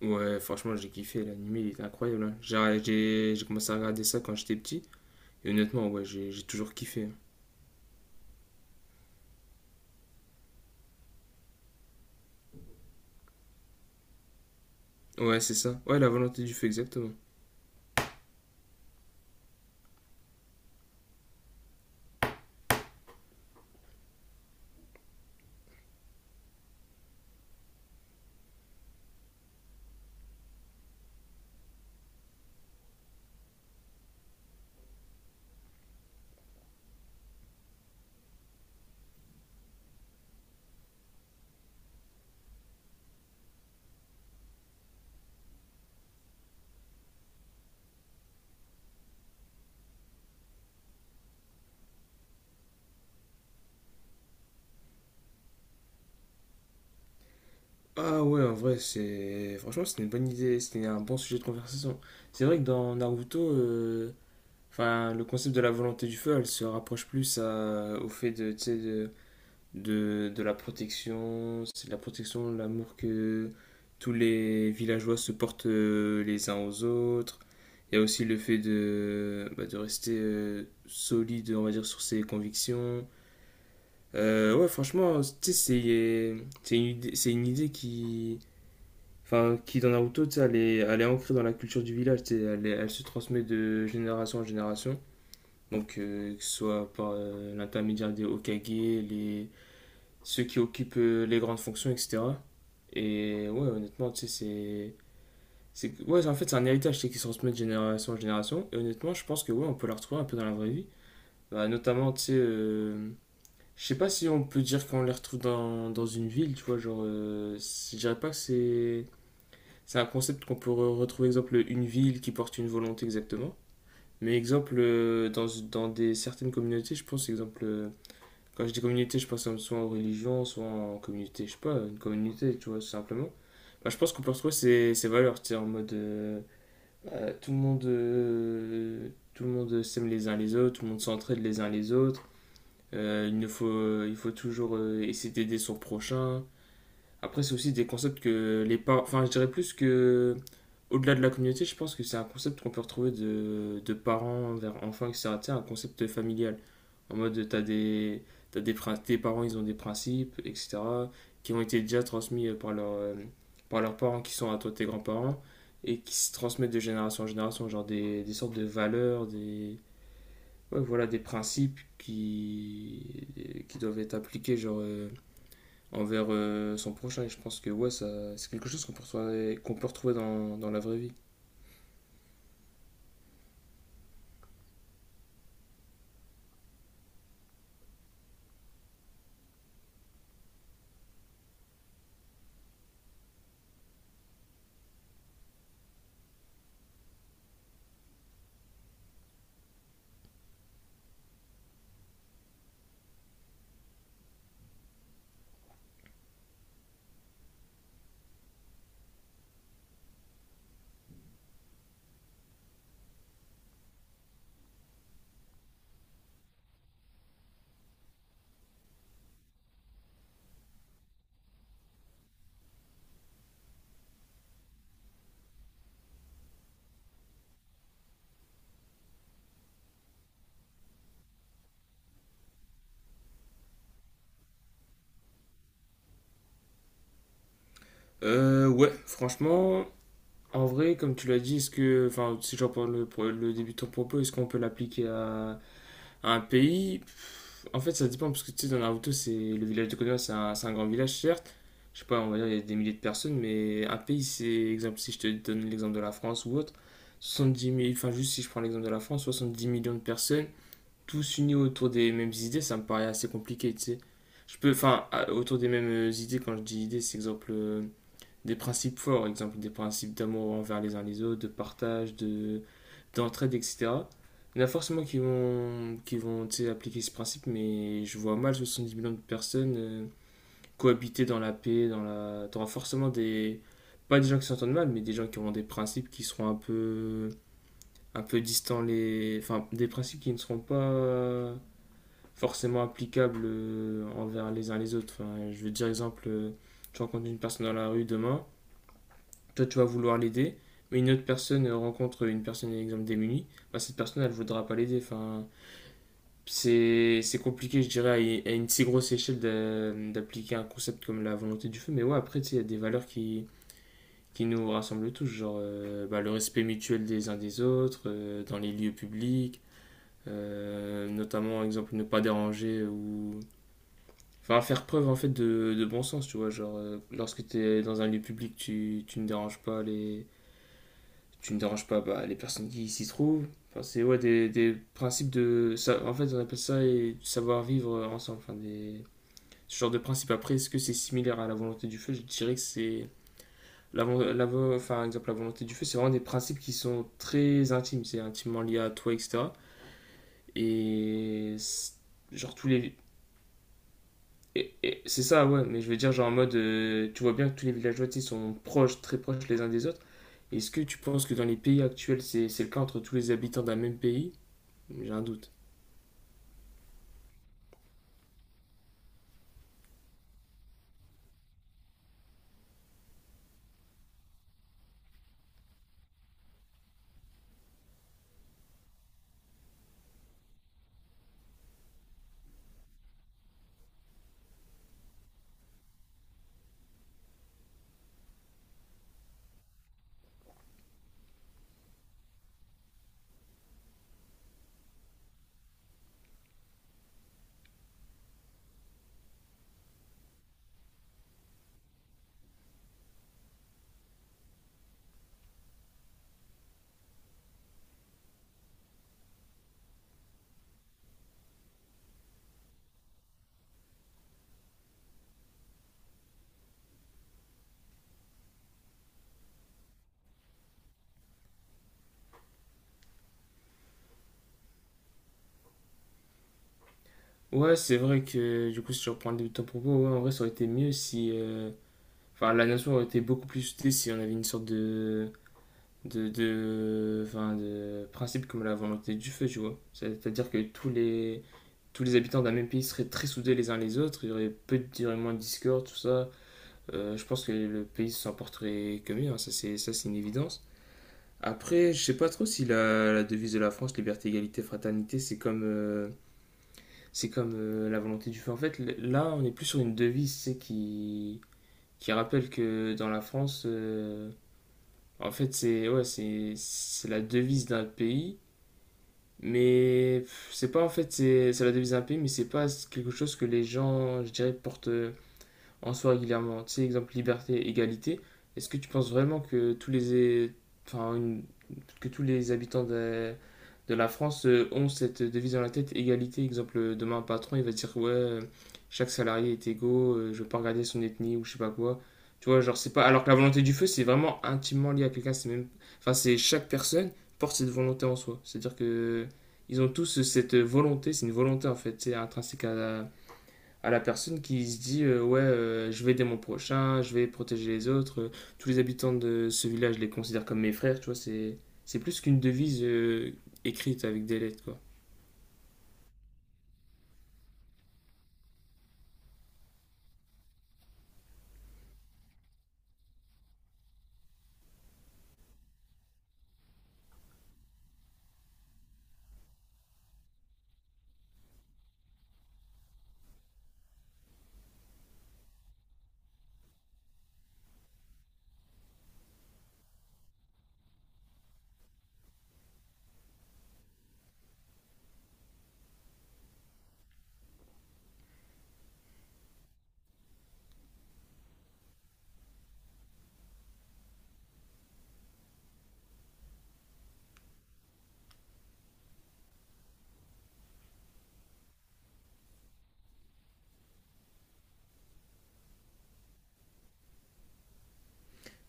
Ouais, franchement, j'ai kiffé, l'animé, il était incroyable. Hein. J'ai commencé à regarder ça quand j'étais petit, et honnêtement, ouais, j'ai toujours kiffé. Hein. Ouais, c'est ça. Ouais, la volonté du feu, exactement. Ah ouais, en vrai, franchement, c'était une bonne idée, c'était un bon sujet de conversation. C'est vrai que dans Naruto, enfin, le concept de la volonté du feu, elle se rapproche plus au fait de, tu sais, de la protection, c'est de la protection, l'amour que tous les villageois se portent les uns aux autres. Il y a aussi le fait de, bah, de rester solide, on va dire, sur ses convictions. Ouais, franchement, tu sais, c'est une idée qui, enfin, qui dans Naruto, tu sais, elle est ancrée dans la culture du village, tu sais, elle se transmet de génération en génération. Donc, que ce soit par l'intermédiaire des Hokage, ceux qui occupent les grandes fonctions, etc. Et ouais, honnêtement, tu sais, c'est. C'est ouais, en fait, c'est un héritage tu sais, qui se transmet de génération en génération. Et honnêtement, je pense que ouais, on peut la retrouver un peu dans la vraie vie. Bah, notamment, tu sais, je sais pas si on peut dire qu'on les retrouve dans une ville, tu vois. Genre, je dirais pas que C'est un concept qu'on peut retrouver, exemple, une ville qui porte une volonté exactement. Mais exemple, dans des, certaines communautés, je pense, exemple, quand je dis communauté, je pense soit en religion, soit en communauté, je sais pas, une communauté, tu vois, simplement. Bah, je pense qu'on peut retrouver ces valeurs, tu sais, en mode tout le monde, s'aime les uns les autres, tout le monde s'entraide les uns les autres. Il ne faut, il faut toujours essayer d'aider son prochain. Après, c'est aussi des concepts que les parents, enfin, je dirais plus que au-delà de la communauté, je pense que c'est un concept qu'on peut retrouver de parents vers enfants, etc. Tu sais, un concept familial. En mode, tes parents, ils ont des principes, etc. qui ont été déjà transmis par leurs parents, qui sont à toi tes grands-parents, et qui se transmettent de génération en génération, genre des sortes de valeurs, ouais, voilà, des principes qui doivent être appliqués, genre, envers son prochain. Et je pense que ouais, ça, c'est quelque chose qu'on peut retrouver dans la vraie vie. Ouais, franchement, en vrai, comme tu l'as dit, est-ce que, enfin, si je reprends le début de ton propos, est-ce qu'on peut l'appliquer à un pays? En fait, ça dépend, parce que tu sais, dans Naruto, c'est le village de Konoha, c'est un grand village, certes. Je sais pas, on va dire, il y a des milliers de personnes, mais un pays, c'est, exemple, si je te donne l'exemple de la France ou autre, soixante-dix 000, enfin, juste si je prends l'exemple de la France, 70 millions de personnes, tous unis autour des mêmes idées, ça me paraît assez compliqué, tu sais. Je peux, enfin, autour des mêmes idées, quand je dis idées, c'est exemple, des principes forts, exemple des principes d'amour envers les uns les autres, de partage, de d'entraide, etc. Il y en a forcément qui vont tu sais, appliquer ce principe, mais je vois mal 70 millions de personnes cohabiter dans la paix, dans t'auras forcément pas des gens qui s'entendent mal, mais des gens qui auront des principes qui seront un un peu distants enfin, des principes qui ne seront pas forcément applicables envers les uns les autres. Enfin, je veux dire, exemple, tu rencontres une personne dans la rue demain, toi tu vas vouloir l'aider, mais une autre personne rencontre une personne, exemple, démunie, bah, cette personne, elle voudra pas l'aider. Enfin, c'est compliqué, je dirais, à une si grosse échelle d'appliquer un concept comme la volonté du feu, mais ouais, après, tu sais, il y a des valeurs qui nous rassemblent tous, genre bah, le respect mutuel des uns des autres, dans les lieux publics, notamment, exemple, ne pas déranger enfin, faire preuve en fait de bon sens, tu vois, genre lorsque tu es dans un lieu public, tu ne déranges pas tu ne déranges pas bah, les personnes qui s'y trouvent. Enfin, c'est ouais, des principes en fait, on appelle ça et savoir-vivre ensemble. Enfin, ce genre de principe. Après, est-ce que c'est similaire à la volonté du feu? Je dirais que c'est. Enfin, exemple, la volonté du feu, c'est vraiment des principes qui sont très intimes. C'est intimement lié à toi, etc. Et. Genre, tous les. C'est ça, ouais, mais je veux dire, genre en mode, tu vois bien que tous les villageois, tu sais, sont proches, très proches les uns des autres. Est-ce que tu penses que dans les pays actuels, c'est le cas entre tous les habitants d'un même pays? J'ai un doute. Ouais, c'est vrai que du coup, si je reprends le début de ton propos, ouais, en vrai, ça aurait été mieux si. Enfin, la nation aurait été beaucoup plus soutenue si on avait une sorte de. Enfin, de principe comme la volonté du feu, tu vois. C'est-à-dire que tous les habitants d'un même pays seraient très soudés les uns les autres, il y aurait moins de discorde, tout ça. Je pense que le pays s'en porterait que mieux, hein, ça, c'est une évidence. Après, je sais pas trop si la devise de la France, liberté, égalité, fraternité, c'est comme la volonté du feu. En fait, là, on est plus sur une devise, c'est qui rappelle que dans la France, en fait, c'est ouais, c'est la devise d'un pays, mais pff, c'est pas en fait c'est la devise d'un pays, mais c'est pas quelque chose que les gens, je dirais, portent en soi régulièrement. Tu sais, exemple liberté, égalité. Est-ce que tu penses vraiment que tous les é- enfin une- que tous les habitants de la France ont cette devise dans la tête, égalité. Exemple, demain un patron, il va dire ouais, chaque salarié est égaux, je veux pas regarder son ethnie ou je sais pas quoi. Tu vois, genre c'est pas. Alors que la volonté du feu, c'est vraiment intimement lié à quelqu'un. C'est même, enfin c'est chaque personne porte cette volonté en soi. C'est-à-dire que ils ont tous cette volonté, c'est une volonté en fait, c'est intrinsèque à la personne qui se dit ouais je vais aider mon prochain, je vais protéger les autres, tous les habitants de ce village je les considère comme mes frères, tu vois, c'est plus qu'une devise écrite avec des lettres quoi.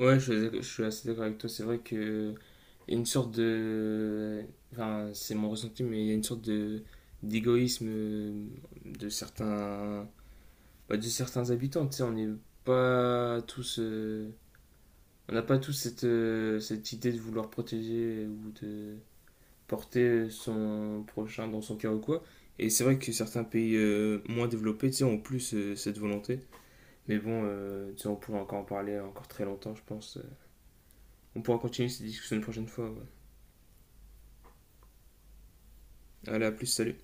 Ouais, je suis assez d'accord avec toi, c'est vrai que il y a une sorte de enfin c'est mon ressenti mais il y a une sorte de d'égoïsme de certains de certains habitants, tu sais, on n'est pas tous on n'a pas tous cette idée de vouloir protéger ou de porter son prochain dans son cœur ou quoi. Et c'est vrai que certains pays moins développés tu sais, ont plus cette volonté. Mais bon, tu sais, on pourra encore en parler encore très longtemps, je pense. On pourra continuer cette discussion une prochaine fois. Ouais. Allez, à plus, salut.